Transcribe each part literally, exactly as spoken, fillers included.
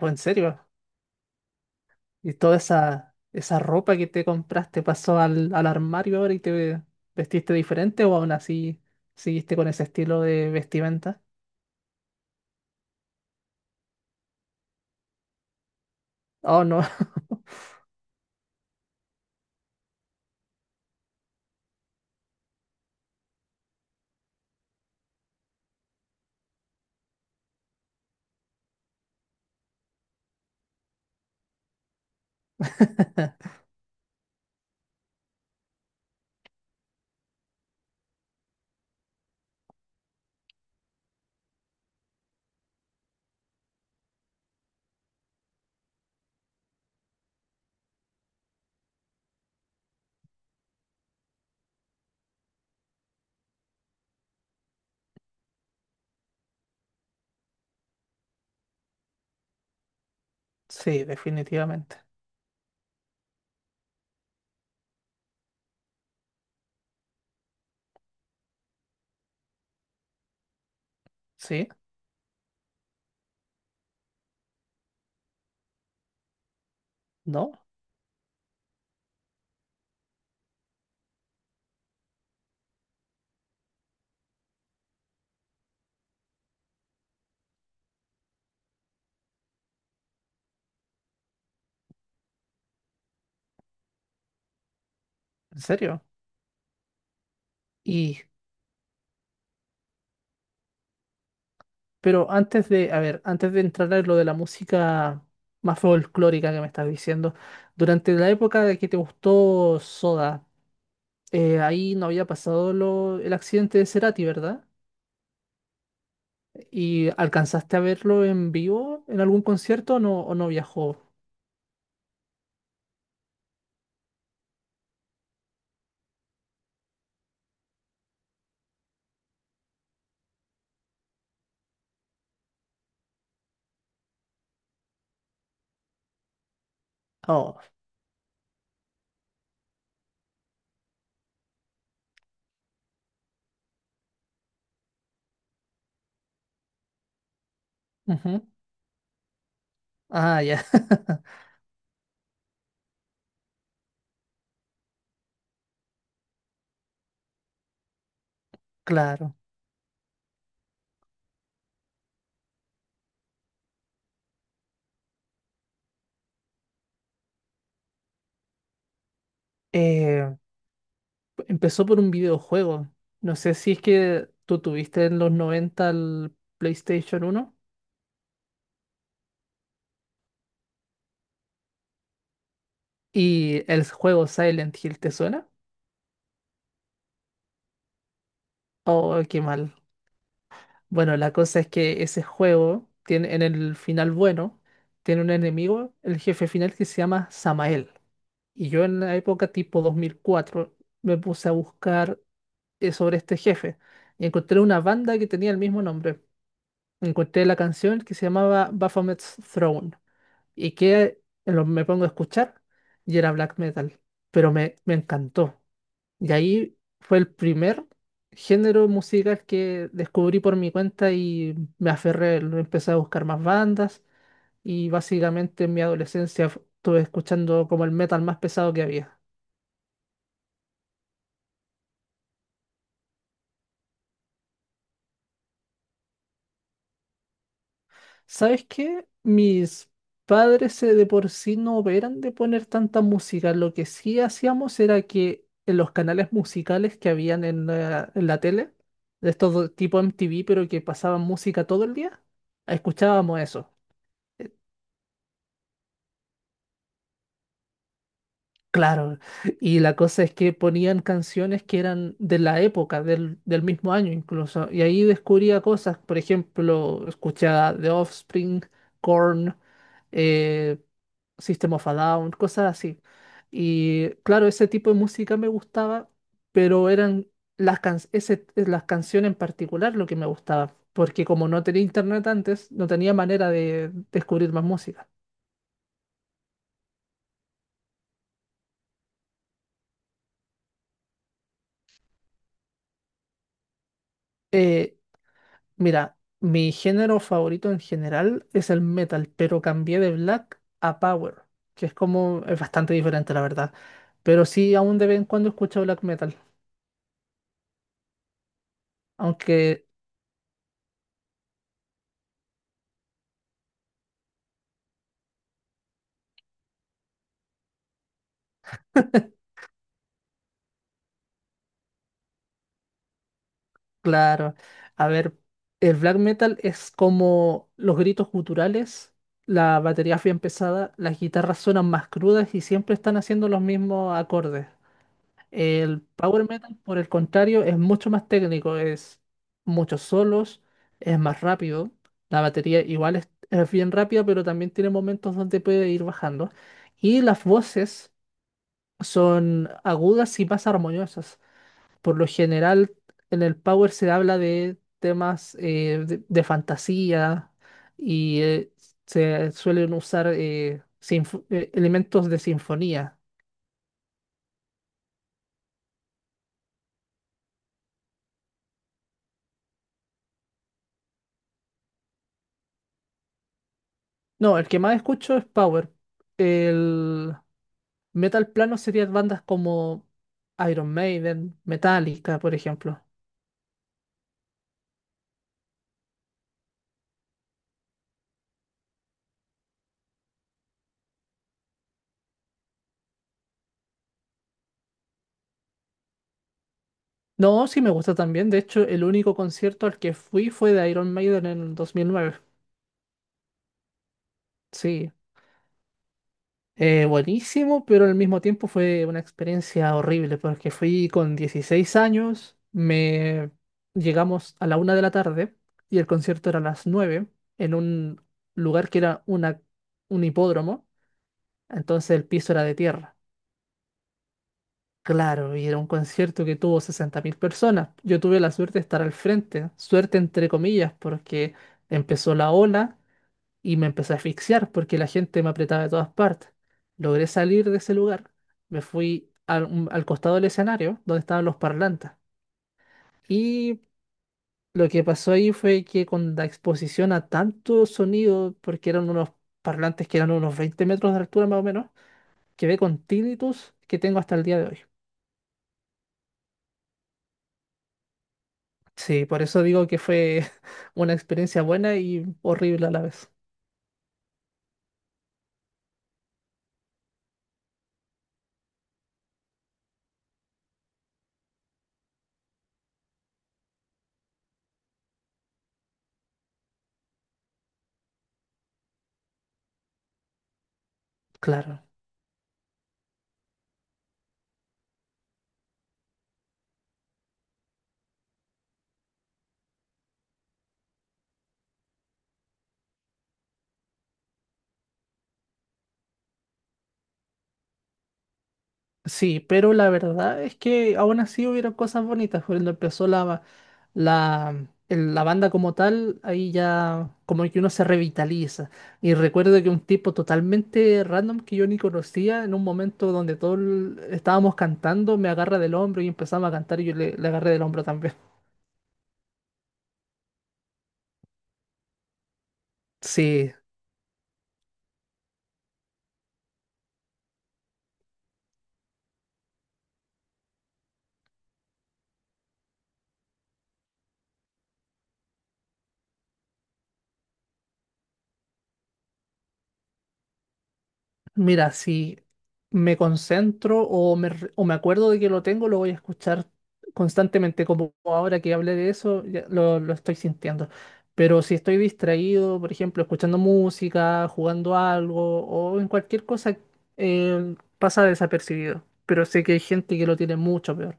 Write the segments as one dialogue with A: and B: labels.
A: O en serio, y toda esa, esa ropa que te compraste pasó al, al armario ahora y te vestiste diferente o aún así seguiste con ese estilo de vestimenta. Oh, no. Sí, definitivamente. Sí, no, en serio. Y, pero antes de, a ver, antes de entrar en lo de la música más folclórica que me estás diciendo, durante la época de que te gustó Soda, eh, ahí no había pasado lo, el accidente de Cerati, ¿verdad? ¿Y alcanzaste a verlo en vivo en algún concierto o no, o no viajó? Oh, ujú. Ah, ya, claro. Eh, Empezó por un videojuego. No sé si es que tú tuviste en los noventa el PlayStation uno y el juego Silent Hill, ¿te suena? Oh, qué mal. Bueno, la cosa es que ese juego tiene en el final bueno, tiene un enemigo, el jefe final que se llama Samael. Y yo en la época tipo dos mil cuatro me puse a buscar eh, sobre este jefe y encontré una banda que tenía el mismo nombre. Encontré la canción que se llamaba Baphomet's Throne y que eh, lo- me pongo a escuchar y era black metal, pero me, me encantó. Y ahí fue el primer género musical que descubrí por mi cuenta y me aferré, lo empecé a buscar más bandas y básicamente en mi adolescencia f- estuve escuchando como el metal más pesado que había. ¿Sabes qué? Mis padres eh, de por sí no eran de poner tanta música. Lo que sí hacíamos era que en los canales musicales que habían en la, en la tele, de estos do- tipo M T V, pero que pasaban música todo el día, escuchábamos eso. Claro, y la cosa es que ponían canciones que eran de la época, del, del mismo año incluso, y ahí descubría cosas, por ejemplo, escuchaba The Offspring, Korn, eh, System of a Down, cosas así. Y claro, ese tipo de música me gustaba, pero eran las, can- ese- las canciones en particular lo que me gustaba, porque como no tenía internet antes, no tenía manera de descubrir más música. Eh, Mira, mi género favorito en general es el metal, pero cambié de black a power, que es como, es bastante diferente, la verdad. Pero sí, aún de vez en cuando escucho black metal. Aunque, claro, a ver, el black metal es como los gritos guturales, la batería es bien pesada, las guitarras suenan más crudas y siempre están haciendo los mismos acordes. El power metal, por el contrario, es mucho más técnico, es muchos solos, es más rápido. La batería igual es, es bien rápida, pero también tiene momentos donde puede ir bajando. Y las voces son agudas y más armoniosas. Por lo general, en el power se habla de temas eh, de, de fantasía y eh, se suelen usar eh, sinfo- eh, elementos de sinfonía. No, el que más escucho es power. El, Metal plano serían bandas como Iron Maiden, Metallica, por ejemplo. No, sí me gusta también. De hecho, el único concierto al que fui fue de Iron Maiden en el dos mil nueve. Sí, Eh, buenísimo, pero al mismo tiempo fue una experiencia horrible porque fui con dieciséis años, me llegamos a la una de la tarde y el concierto era a las nueve en un lugar que era una, un hipódromo, entonces el piso era de tierra. Claro, y era un concierto que tuvo sesenta mil personas. Yo tuve la suerte de estar al frente, suerte entre comillas, porque empezó la ola y me empecé a asfixiar porque la gente me apretaba de todas partes. Logré salir de ese lugar, me fui al, un- al costado del escenario donde estaban los parlantes. Y lo que pasó ahí fue que con la exposición a tanto sonido, porque eran unos parlantes que eran unos veinte metros de altura más o menos, quedé con tinnitus que tengo hasta el día de hoy. Sí, por eso digo que fue una experiencia buena y horrible a la vez. Claro. Sí, pero la verdad es que aún así hubieron cosas bonitas. Cuando empezó la, la, el- la banda como tal, ahí ya como que uno se revitaliza. Y recuerdo que un tipo totalmente random que yo ni conocía, en un momento donde todos estábamos cantando, me agarra del hombro y empezamos a cantar y yo le, le agarré del hombro también. Sí, mira, si me concentro o me, re- o me acuerdo de que lo tengo, lo voy a escuchar constantemente, como ahora que hablé de eso, ya lo, lo estoy sintiendo. Pero si estoy distraído, por ejemplo, escuchando música, jugando algo o en cualquier cosa, eh, pasa desapercibido. Pero sé que hay gente que lo tiene mucho peor.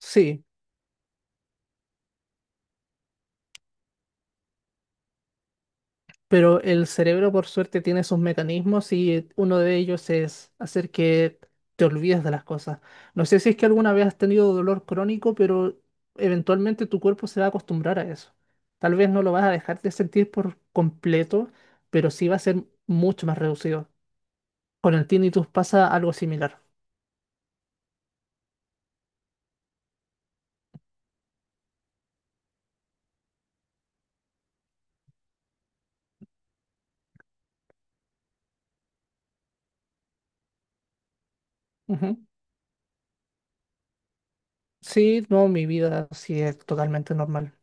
A: Sí. Pero el cerebro, por suerte, tiene sus mecanismos y uno de ellos es hacer que te olvides de las cosas. No sé si es que alguna vez has tenido dolor crónico, pero eventualmente tu cuerpo se va a acostumbrar a eso. Tal vez no lo vas a dejar de sentir por completo, pero sí va a ser mucho más reducido. Con el tinnitus pasa algo similar. Ujú. Sí, no, mi vida sí es totalmente normal.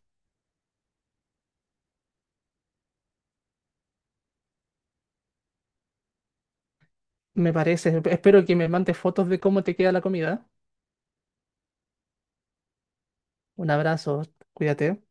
A: Me parece. Espero que me mandes fotos de cómo te queda la comida. Un abrazo, cuídate.